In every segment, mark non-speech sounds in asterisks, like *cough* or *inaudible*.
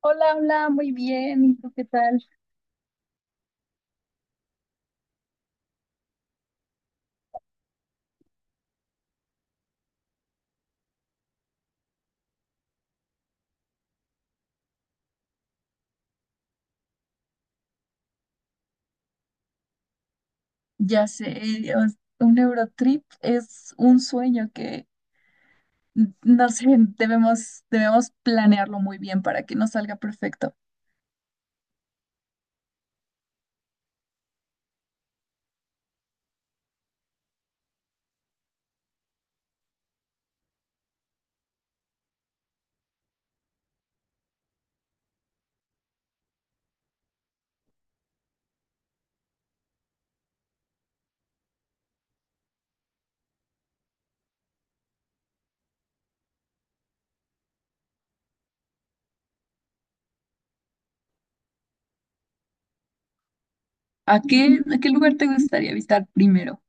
Hola, hola, muy bien. ¿Y tú qué tal? Ya sé, Dios, un Eurotrip es un sueño que, no sé, debemos planearlo muy bien para que nos salga perfecto. A qué lugar te gustaría visitar primero?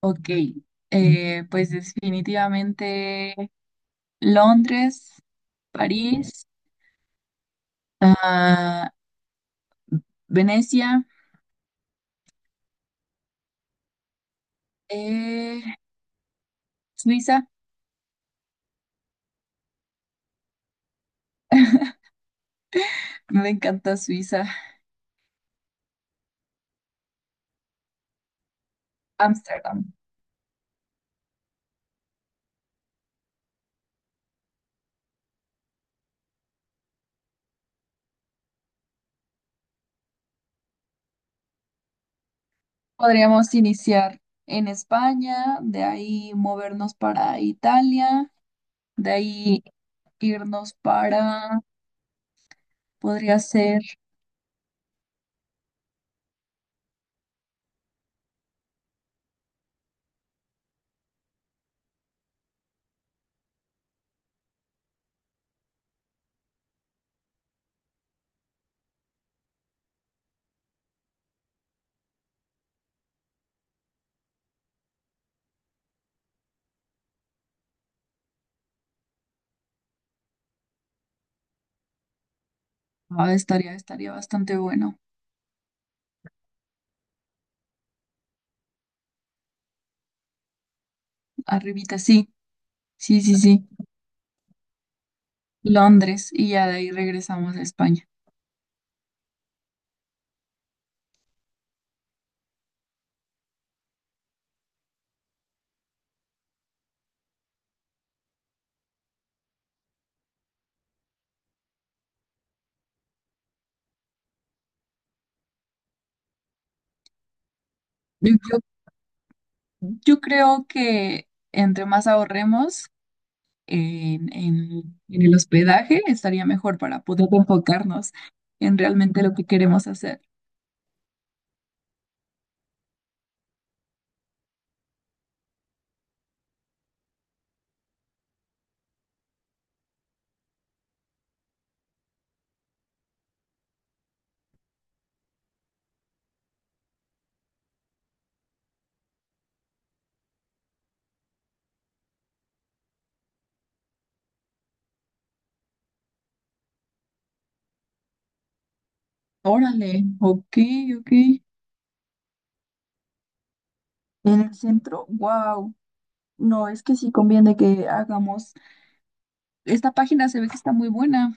Ok, pues definitivamente Londres, París, ah, Venecia, eh, Suiza. *laughs* Me encanta Suiza, Ámsterdam. Podríamos iniciar en España, de ahí movernos para Italia, de ahí irnos para, podría ser, ah, estaría bastante bueno. Arribita, sí, sí, sí, sí, Londres, y ya de ahí regresamos a España. Yo, yo- yo creo que entre más ahorremos en el hospedaje, estaría mejor para poder enfocarnos en realmente lo que queremos hacer. Órale, ok, ok. En el centro, wow. No, es que sí conviene que hagamos. Esta página se ve que está muy buena.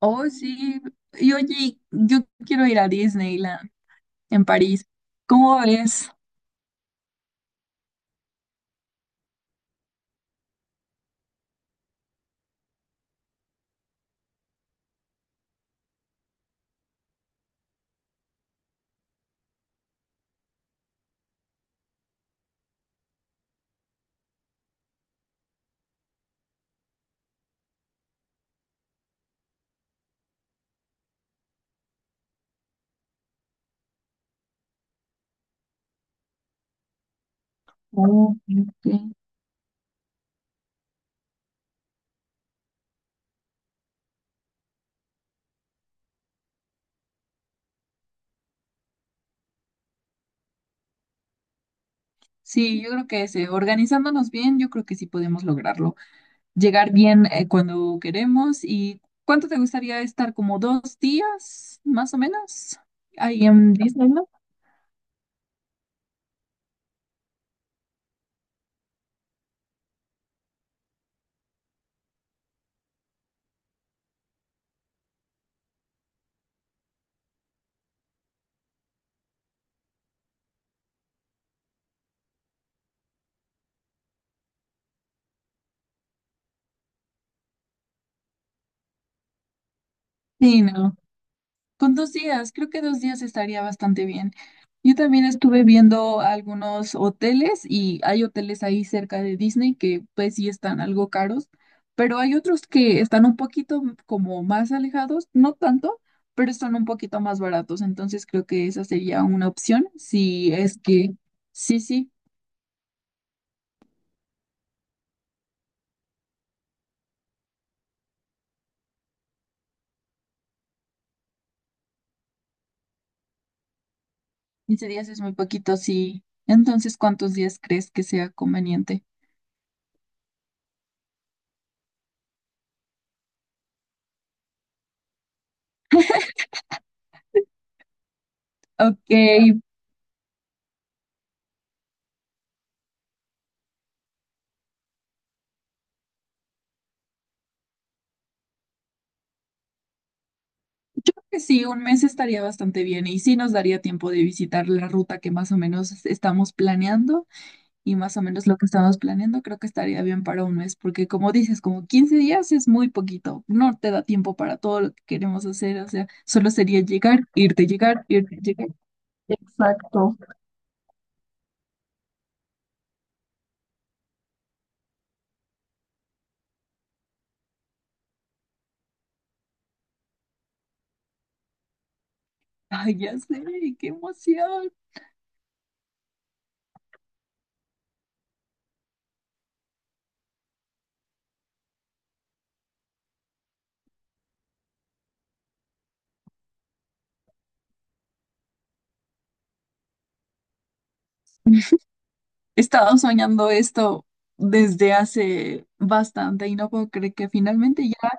Oh, sí. Y oye, yo quiero ir a Disneyland en París. ¿Cómo ves? Oh, ok. Sí, yo creo que ese, organizándonos bien, yo creo que sí podemos lograrlo. Llegar bien, cuando queremos. ¿Y cuánto te gustaría estar? ¿Como dos días, más o menos? Ahí en Disneyland. Sí, no. Con dos días, creo que dos días estaría bastante bien. Yo también estuve viendo algunos hoteles y hay hoteles ahí cerca de Disney que pues sí están algo caros, pero hay otros que están un poquito como más alejados, no tanto, pero están un poquito más baratos. Entonces creo que esa sería una opción si es que, sí, sí, 15 días es muy poquito, sí. Entonces, ¿cuántos días crees que sea conveniente? Ok, yo creo que sí, un mes estaría bastante bien y sí nos daría tiempo de visitar la ruta que más o menos estamos planeando y más o menos lo que estamos planeando creo que estaría bien para un mes porque como dices, como 15 días es muy poquito, no te da tiempo para todo lo que queremos hacer, o sea, solo sería llegar, irte, llegar, irte, llegar. Exacto. Ay, ya sé, qué emoción. He estado soñando esto desde hace bastante y no puedo creer que finalmente ya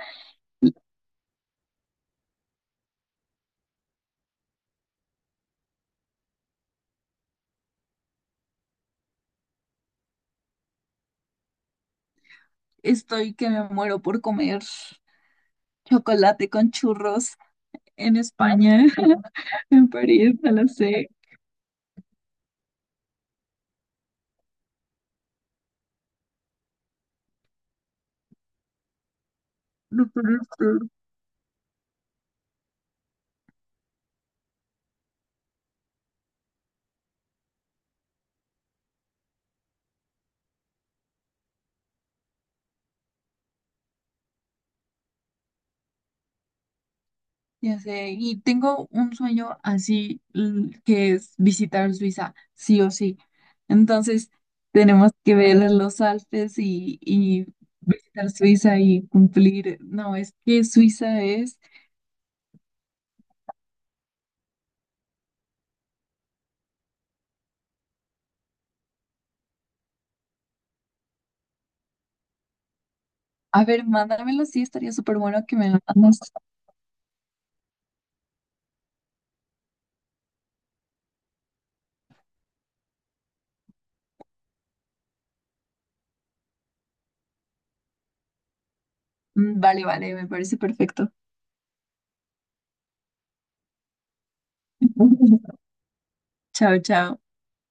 estoy que me muero por comer. Chocolate con churros en España, *laughs* en París, no lo sé. Ya sé, y tengo un sueño así que es visitar Suiza, sí o sí. Entonces, tenemos que ver los Alpes y visitar Suiza y cumplir. No, es que Suiza es. A ver, mándamelo, sí, estaría súper bueno que me lo mandas. Mm, vale, vale, me parece perfecto. *laughs* Chao, chao.